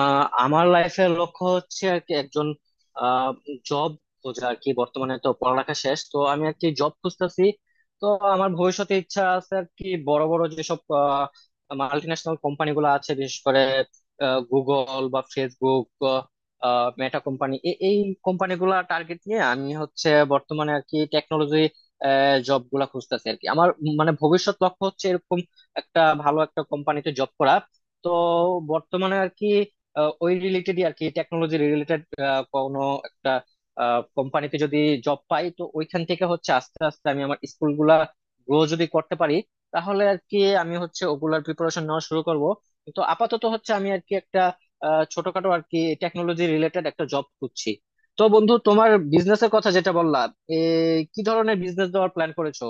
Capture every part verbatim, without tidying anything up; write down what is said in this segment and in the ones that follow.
আহ আমার লাইফের লক্ষ্য হচ্ছে আর কি একজন জব খোঁজা। আর কি বর্তমানে তো পড়ালেখা শেষ, তো আমি আর কি জব খুঁজতেছি। তো আমার ভবিষ্যতে ইচ্ছা আছে আর কি বড় বড় যেসব মাল্টি ন্যাশনাল কোম্পানি গুলো আছে, বিশেষ করে গুগল বা ফেসবুক, মেটা কোম্পানি। এই কোম্পানি গুলা টার্গেট নিয়ে আমি হচ্ছে বর্তমানে আর কি টেকনোলজি জব গুলা খুঁজতেছি। আর কি আমার মানে ভবিষ্যৎ লক্ষ্য হচ্ছে এরকম একটা ভালো একটা কোম্পানিতে জব করা। তো বর্তমানে আর কি আহ, ওই রিলেটেডই আর কি টেকনোলজি রিলেটেড কোনো একটা কোম্পানিতে যদি জব পাই, তো ওইখান থেকে হচ্ছে আস্তে আস্তে আমি আমার স্কুল গুলা গ্রো যদি করতে পারি, তাহলে আর কি আমি হচ্ছে ওগুলার প্রিপারেশন নেওয়া শুরু করব। কিন্তু আপাতত হচ্ছে আমি আর কি একটা আহ, ছোটখাটো আর কি টেকনোলজি রিলেটেড একটা জব খুঁজছি। তো বন্ধু, তোমার বিজনেসের কথা যেটা বললা, এ কি ধরনের বিজনেস দেওয়ার প্ল্যান করেছো?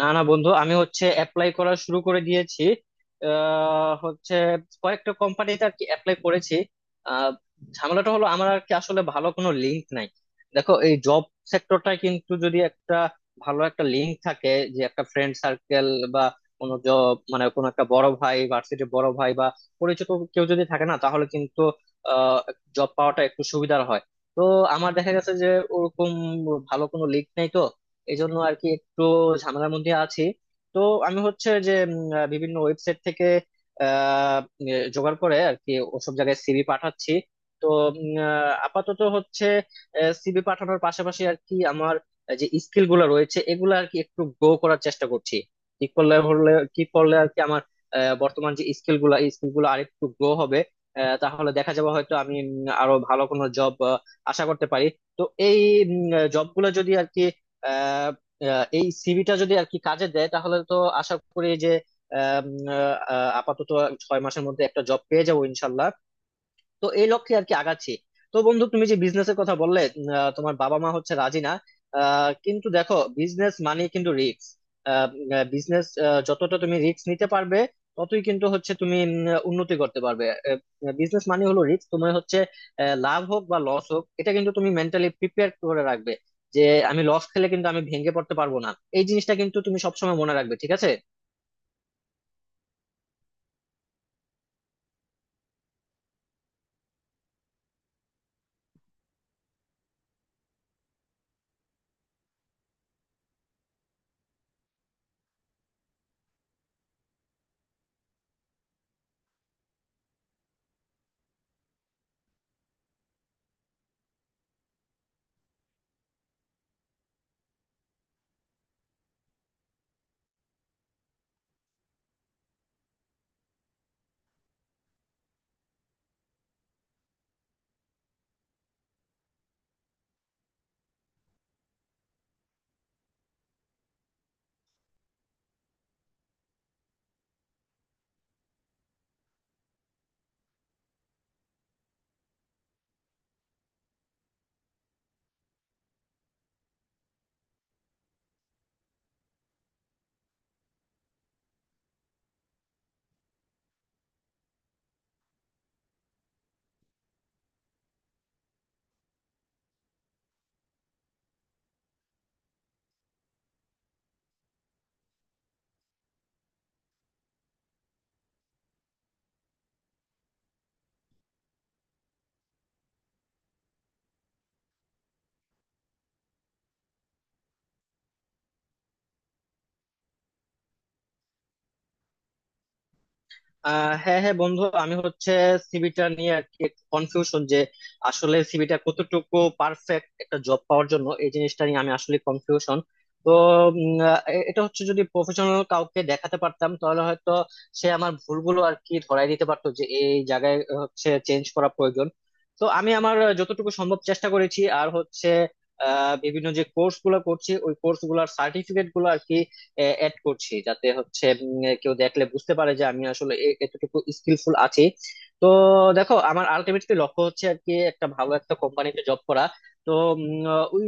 না না বন্ধু, আমি হচ্ছে অ্যাপ্লাই করা শুরু করে দিয়েছি। আহ, হচ্ছে কয়েকটা কোম্পানিতে আর কি অ্যাপ্লাই করেছি। আহ, ঝামেলাটা হলো আমার আর কি, আসলে ভালো কোনো লিঙ্ক নাই। দেখো, এই জব সেক্টরটা কিন্তু যদি একটা ভালো একটা লিঙ্ক থাকে, যে একটা ফ্রেন্ড সার্কেল বা কোনো জব মানে কোনো একটা বড় ভাই, ভার্সিটির বড় ভাই বা পরিচিত কেউ যদি থাকে না, তাহলে কিন্তু জব পাওয়াটা একটু সুবিধার হয়। তো আমার দেখা গেছে যে ওরকম ভালো কোনো লিঙ্ক নাই, তো এই জন্য আর কি একটু ঝামেলার মধ্যে আছি। তো আমি হচ্ছে যে উম, আহ, বিভিন্ন ওয়েবসাইট থেকে আহ এ, জোগাড় করে আর কি ওসব জায়গায় সিভি পাঠাচ্ছি। তো উম, আহ, আপাতত হচ্ছে সিভি পাঠানোর পাশাপাশি আর কি আমার যে স্কিল গুলো রয়েছে এগুলো আর কি একটু গ্রো করার চেষ্টা করছি। কি করলে হলে কি করলে আর কি আমার আহ, বর্তমান যে স্কিল গুলো স্কিল গুলো আরেকটু গ্রো হবে, আহ, তাহলে দেখা যাবে হয়তো আমি উম, আরো ভালো কোনো জব আশা করতে পারি। তো এই জব গুলো যদি আর কি আহ, আহ, এই সিভিটা যদি আর কি কাজে দেয়, তাহলে তো আশা করি যে আম, আহ, আপাতত ছয় মাসের মধ্যে একটা জব পেয়ে যাবো ইনশাল্লাহ। তো এই লক্ষ্যে আর কি আগাচ্ছি। তো বন্ধু, তুমি যে বিজনেসের কথা বললে, উম, আহ, তোমার বাবা মা হচ্ছে রাজি না। আহ, কিন্তু দেখো, বিজনেস মানে কিন্তু রিস্ক। বিজনেস যতটা তুমি রিস্ক নিতে পারবে, ততই কিন্তু হচ্ছে তুমি উম, উন্নতি করতে পারবে। বিজনেস মানে হলো রিস্ক। তুমি হচ্ছে আহ, লাভ হোক বা লস হোক, এটা কিন্তু তুমি মেন্টালি প্রিপেয়ার করে রাখবে যে আমি লস খেলে কিন্তু আমি ভেঙে পড়তে পারবো না। এই জিনিসটা কিন্তু তুমি সবসময় মনে রাখবে, ঠিক আছে? আহ হ্যাঁ হ্যাঁ বন্ধু, আমি হচ্ছে সিভিটা নিয়ে আর কি কনফিউশন যে, আসলে সিভিটা কতটুকু পারফেক্ট একটা জব পাওয়ার জন্য, এই জিনিসটা নিয়ে আমি আসলে কনফিউশন। তো উম, আহ, এ- এটা হচ্ছে, যদি প্রফেশনাল কাউকে দেখাতে পারতাম তাহলে হয়তো সে আমার ভুলগুলো আর কি ধরাই দিতে পারতো, যে এই জায়গায় হচ্ছে চেঞ্জ করা প্রয়োজন। তো আমি আমার যতটুকু সম্ভব চেষ্টা করেছি। আর হচ্ছে আহ বিভিন্ন যে কোর্স গুলো করছি, ওই কোর্স গুলার সার্টিফিকেট গুলো আর কি অ্যাড করছি, যাতে হচ্ছে উম, কেউ দেখলে বুঝতে পারে যে আমি আসলে এ- এতটুকু স্কিলফুল আছি। তো দেখো, আমার আলটিমেটলি লক্ষ্য হচ্ছে আর কি একটা ভালো একটা কোম্পানিতে জব করা। তো উম, ওই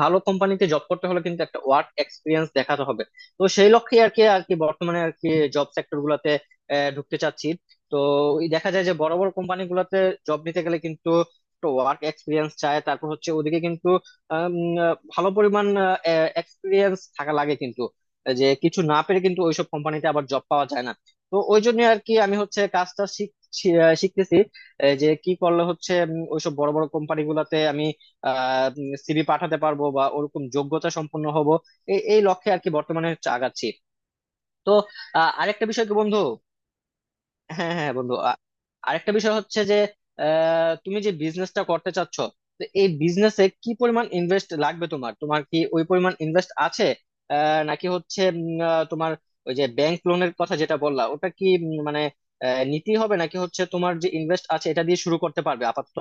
ভালো কোম্পানিতে জব করতে হলে কিন্তু একটা ওয়ার্ক এক্সপিরিয়েন্স দেখাতে হবে। তো সেই লক্ষ্যে আর কি আর কি বর্তমানে আর কি জব সেক্টর গুলাতে আহ, ঢুকতে চাচ্ছি। তো ওই দেখা যায় যে বড় বড় কোম্পানি গুলাতে জব নিতে গেলে কিন্তু ওয়ার্ক এক্সপিরিয়েন্স চায়। তারপর হচ্ছে ওদিকে কিন্তু আম, আহ, ভালো পরিমাণ এক্সপিরিয়েন্স থাকা লাগে কিন্তু, যে কিছু না পেরে কিন্তু ওইসব কোম্পানিতে আবার জব পাওয়া যায় না। তো ওই জন্য আর কি আমি হচ্ছে কাজটা শিখ- শি- আহ, শিখতেছি। এ, যে কি করলে হচ্ছে উম, ওইসব বড় বড় কোম্পানি গুলাতে আমি আহ সিভি পাঠাতে পারবো বা ওরকম যোগ্যতা সম্পন্ন হব। এই এই লক্ষ্যে আর কি বর্তমানে হচ্ছে আগাচ্ছি। তো আহ আরেকটা বিষয় কি বন্ধু? হ্যাঁ হ্যাঁ বন্ধু, আ- আরেকটা বিষয় হচ্ছে যে, আহ, তুমি যে বিজনেসটা করতে চাচ্ছ, তো এই বিজনেসে কি পরিমাণ ইনভেস্ট লাগবে? তোমার তোমার কি ওই পরিমাণ ইনভেস্ট আছে? আহ, নাকি হচ্ছে উম, আহ, তোমার ওই যে ব্যাংক লোনের কথা যেটা বললা, ওটা কি উম, মানে আহ, নিতেই হবে, নাকি হচ্ছে তোমার যে ইনভেস্ট আছে এটা দিয়ে শুরু করতে পারবে আপাতত?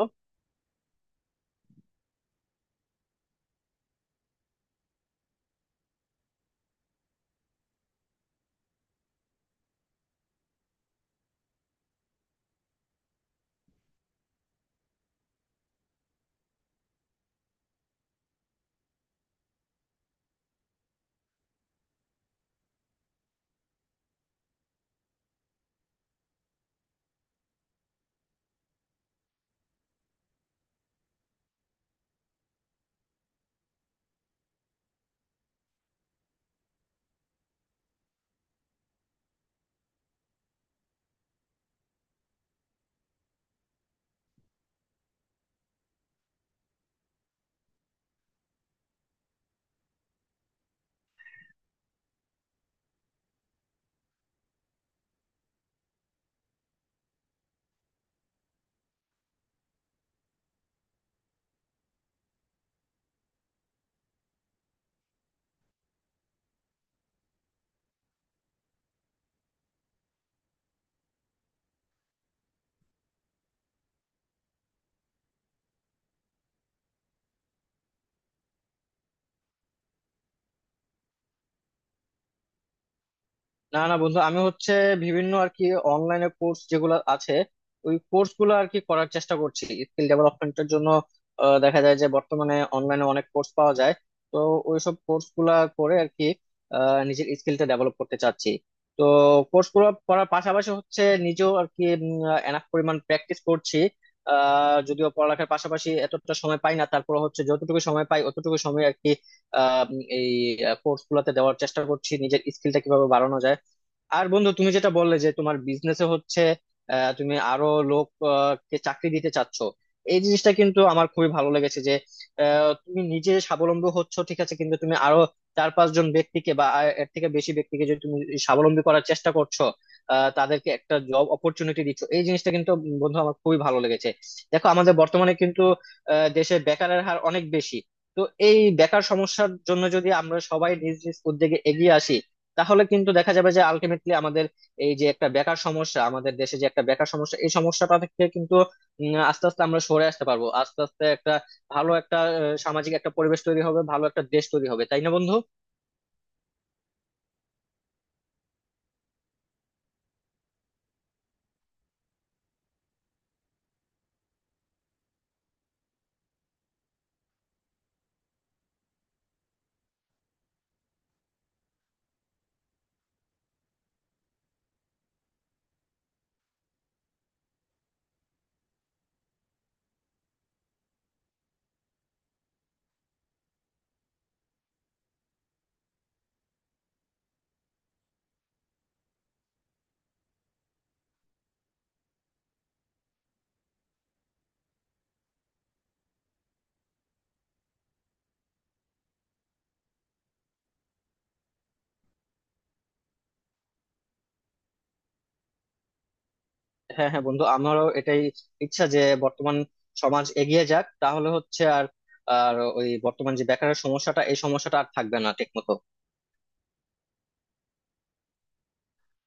না না বন্ধু, আমি হচ্ছে বিভিন্ন আর কি অনলাইনে কোর্স যেগুলো আছে, ওই কোর্স গুলো আর কি করার চেষ্টা করছি স্কিল ডেভেলপমেন্টের জন্য। আহ, দেখা যায় যে বর্তমানে অনলাইনে অনেক কোর্স পাওয়া যায়। তো ওইসব কোর্স গুলা করে আর কি আহ, নিজের স্কিলটা ডেভেলপ করতে চাচ্ছি। তো কোর্স গুলো করার পাশাপাশি হচ্ছে নিজেও আর কি এনাফ পরিমাণ প্র্যাকটিস করছি। আহ যদিও পড়ালেখার পাশাপাশি এতটা সময় পাই না, তারপর হচ্ছে যতটুকু সময় পাই অতটুকু সময় আর কি আহ, উম, এই কোর্স গুলাতে দেওয়ার চেষ্টা করছি, নিজের স্কিলটা কিভাবে বাড়ানো যায়। আর বন্ধু, তুমি যেটা বললে যে তোমার বিজনেসে হচ্ছে আহ, তুমি আরো লোক আহ, কে চাকরি দিতে চাচ্ছ, এই জিনিসটা কিন্তু আমার খুবই ভালো লেগেছে। যে আহ, তুমি নিজে স্বাবলম্বী হচ্ছ ঠিক আছে, কিন্তু তুমি আরো চার পাঁচজন ব্যক্তিকে বা আ- এর থেকে বেশি ব্যক্তিকে যদি তুমি স্বাবলম্বী করার চেষ্টা করছো, আহ, তাদেরকে একটা জব অপরচুনিটি দিচ্ছ, এই জিনিসটা কিন্তু উম, বন্ধু আমার খুবই ভালো লেগেছে। দেখো আমাদের বর্তমানে কিন্তু আহ, দেশে বেকারের হার অনেক বেশি। তো এই বেকার সমস্যার জন্য যদি আমরা সবাই নিজ নিজ উদ্যোগে এগিয়ে আসি, তাহলে কিন্তু দেখা যাবে যে আলটিমেটলি আমাদের এই যে একটা বেকার সমস্যা, আমাদের দেশে যে একটা বেকার সমস্যা, এই সমস্যাটা থেকে কিন্তু উম, আস্তে আস্তে আমরা সরে আসতে পারবো। আস্তে আস্তে একটা ভালো একটা আহ, সামাজিক একটা পরিবেশ তৈরি হবে, ভালো একটা দেশ তৈরি হবে, তাই না বন্ধু? হ্যাঁ হ্যাঁ বন্ধু, আমারও এটাই ইচ্ছা যে বর্তমান সমাজ এগিয়ে যাক, তাহলে হচ্ছে আর আর ওই বর্তমান যে বেকারের সমস্যাটা, এই সমস্যাটা আর থাকবে না ঠিক মতো।